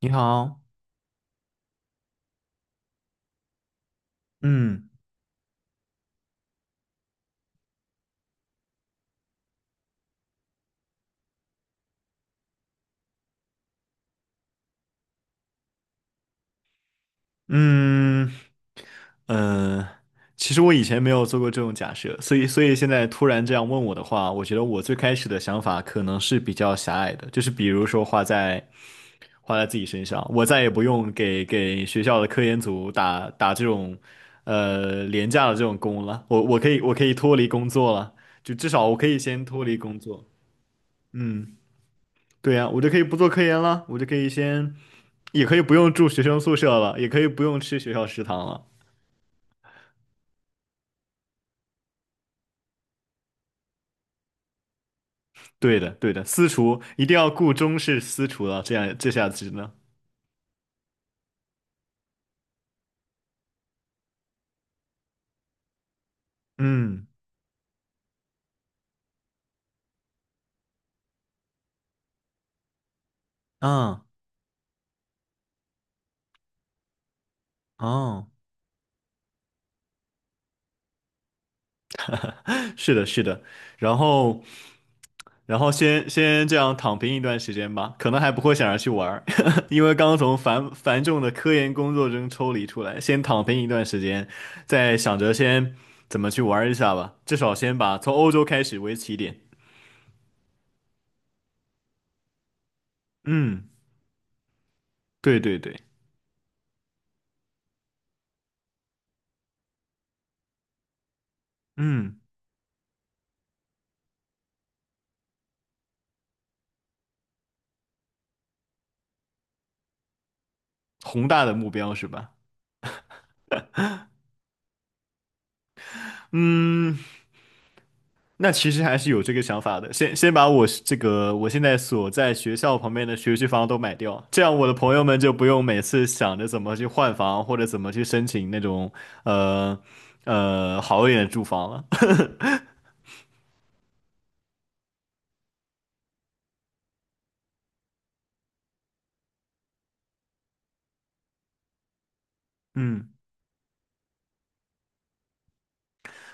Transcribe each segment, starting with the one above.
你好。嗯嗯呃，其实我以前没有做过这种假设，所以现在突然这样问我的话，我觉得我最开始的想法可能是比较狭隘的，就是比如说花在自己身上，我再也不用给学校的科研组打这种廉价的这种工了，我可以我可以脱离工作了，就至少我可以先脱离工作。嗯。对呀，我就可以不做科研了，我就可以先，也可以不用住学生宿舍了，也可以不用吃学校食堂了。对的，对的，私厨一定要雇中式私厨了，这样这下子呢。嗯，啊，哦。是的，是的，然后，然后先这样躺平一段时间吧，可能还不会想着去玩儿。因为刚从繁重的科研工作中抽离出来，先躺平一段时间，再想着先怎么去玩儿一下吧，至少先把从欧洲开始为起点。嗯，对对对。嗯，宏大的目标是吧？嗯。那其实还是有这个想法的，先把我这个我现在所在学校旁边的学区房都买掉，这样我的朋友们就不用每次想着怎么去换房或者怎么去申请那种呃好一点的住房了。嗯。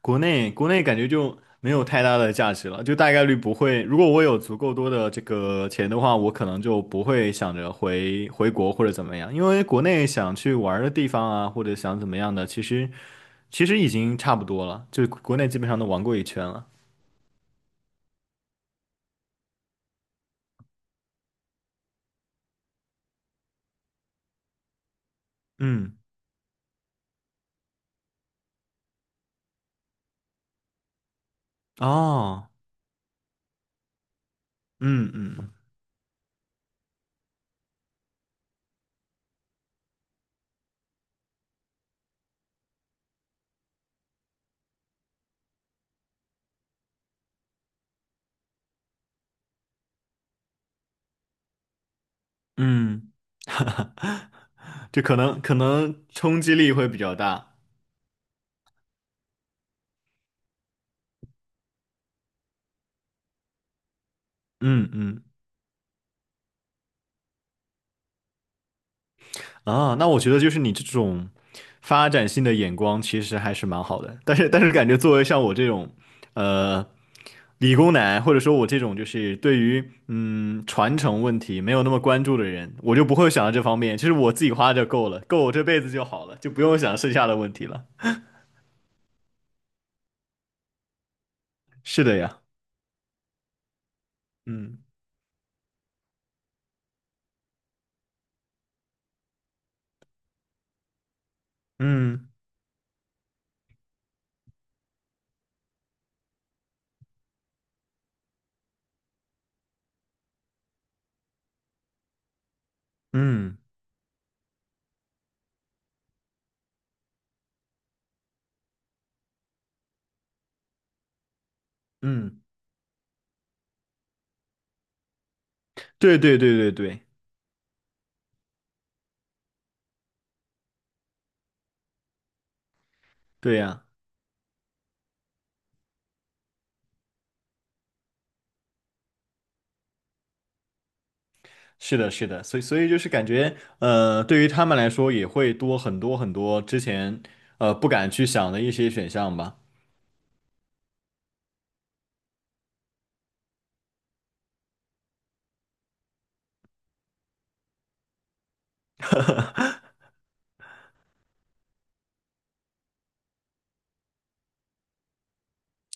国内感觉就没有太大的价值了，就大概率不会。如果我有足够多的这个钱的话，我可能就不会想着回国或者怎么样，因为国内想去玩儿的地方啊，或者想怎么样的，其实已经差不多了，就国内基本上都玩过一圈了。嗯，哦，嗯嗯嗯。就可能冲击力会比较大。嗯嗯。啊，那我觉得就是你这种发展性的眼光其实还是蛮好的，但是感觉作为像我这种，呃，理工男或者说我这种就是对于传承问题没有那么关注的人，我就不会想到这方面。其实我自己花就够了，够我这辈子就好了，就不用想剩下的问题了。是的呀，嗯嗯嗯嗯，对对对对对，对呀。是的，是的，所以就是感觉，对于他们来说也会多很多之前不敢去想的一些选项吧。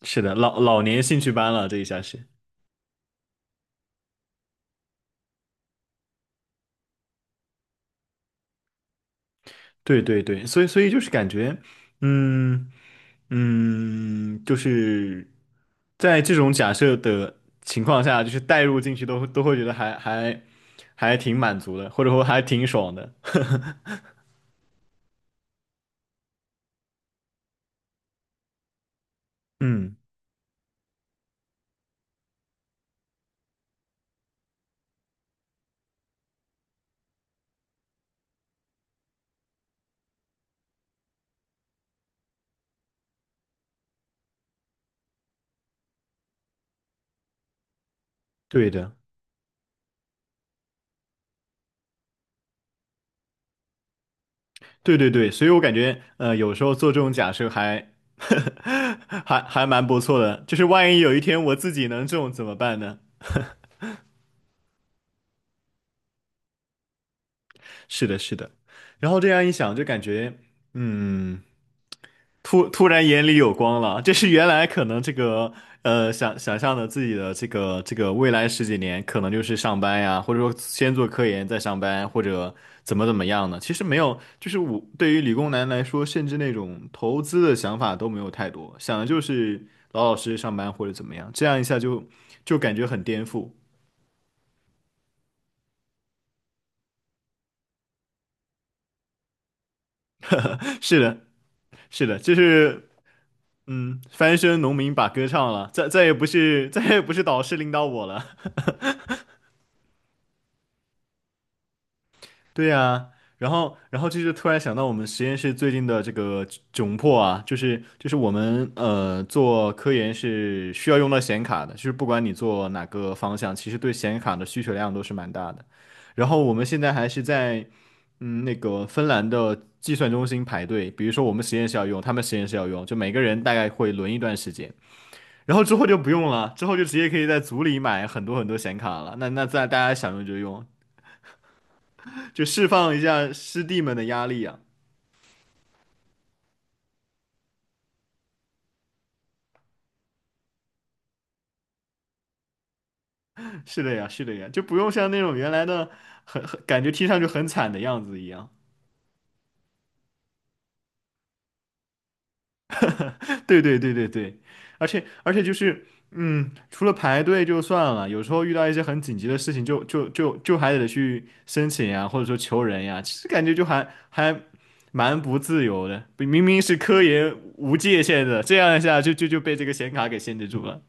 是的，老年兴趣班了，这一下是。对对对，所以就是感觉，嗯嗯，就是在这种假设的情况下，就是带入进去都会觉得还挺满足的，或者说还挺爽的。嗯，对的。对对对，所以我感觉，有时候做这种假设还 蛮不错的，就是万一有一天我自己能中怎么办呢？是的，是的。然后这样一想，就感觉，嗯。突然眼里有光了。这是原来可能这个想想象的自己的这个未来十几年可能就是上班呀，或者说先做科研再上班，或者怎么样呢？其实没有，就是我对于理工男来说，甚至那种投资的想法都没有太多，想的就是老老实实上班或者怎么样，这样一下就感觉很颠覆。是的，是的，就是嗯，翻身农民把歌唱了，再也不是导师领导我了。对呀，然后，然后就是突然想到我们实验室最近的这个窘迫啊，就是我们做科研是需要用到显卡的，就是不管你做哪个方向，其实对显卡的需求量都是蛮大的。然后我们现在还是在那个芬兰的计算中心排队，比如说我们实验室要用，他们实验室要用，就每个人大概会轮一段时间，然后之后就不用了，之后就直接可以在组里买很多很多显卡了。那在大家想用就用，就释放一下师弟们的压力呀、是的呀，是的呀，就不用像那种原来的很感觉听上去很惨的样子一样。对对对对对，而且就是，嗯，除了排队就算了，有时候遇到一些很紧急的事情就，就还得去申请呀，或者说求人呀，其实感觉就蛮不自由的。明明是科研无界限的，这样一下就被这个显卡给限制住了。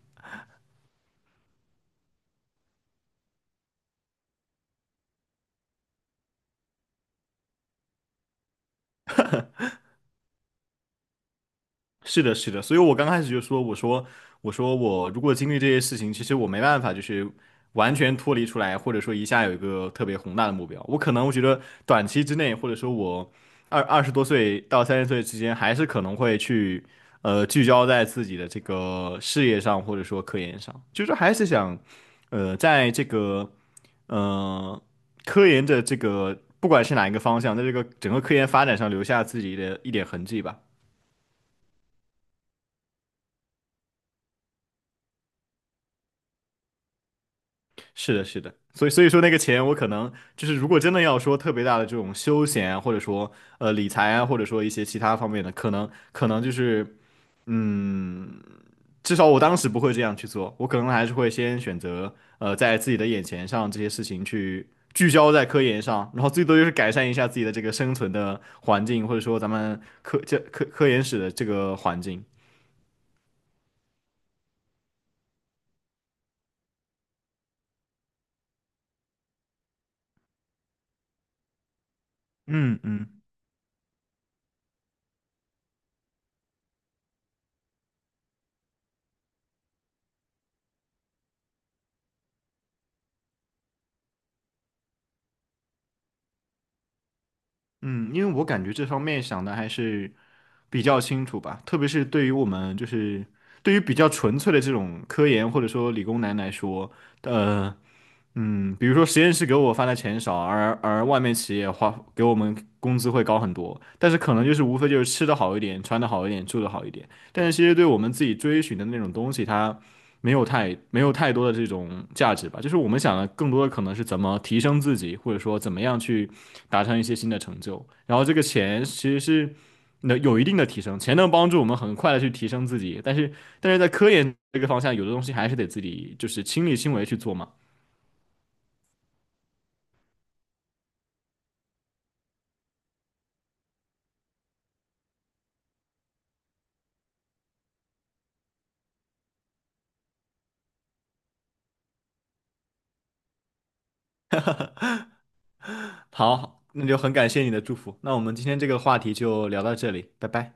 是的，是的，所以我刚开始就说，我说，我说我如果经历这些事情，其实我没办法，就是完全脱离出来，或者说一下有一个特别宏大的目标，我可能我觉得短期之内，或者说我二十多岁到三十岁之间，还是可能会去聚焦在自己的这个事业上，或者说科研上，就是还是想在这个呃科研的这个不管是哪一个方向，在这个整个科研发展上留下自己的一点痕迹吧。是的，是的，所以说那个钱，我可能就是如果真的要说特别大的这种休闲啊，或者说理财啊，或者说一些其他方面的，可能就是嗯，至少我当时不会这样去做，我可能还是会先选择在自己的眼前上这些事情去聚焦在科研上，然后最多就是改善一下自己的这个生存的环境，或者说咱们这科研室的这个环境。嗯嗯。嗯，因为我感觉这方面想的还是比较清楚吧，特别是对于我们就是对于比较纯粹的这种科研或者说理工男来说，呃，嗯比如说实验室给我发的钱少，而外面企业花给我们工资会高很多，但是可能就是无非就是吃的好一点，穿的好一点，住的好一点，但是其实对我们自己追寻的那种东西，它没有太没有太多的这种价值吧。就是我们想的更多的可能是怎么提升自己，或者说怎么样去达成一些新的成就。然后这个钱其实是能有一定的提升，钱能帮助我们很快的去提升自己，但是在科研这个方向，有的东西还是得自己就是亲力亲为去做嘛。好，那就很感谢你的祝福。那我们今天这个话题就聊到这里，拜拜。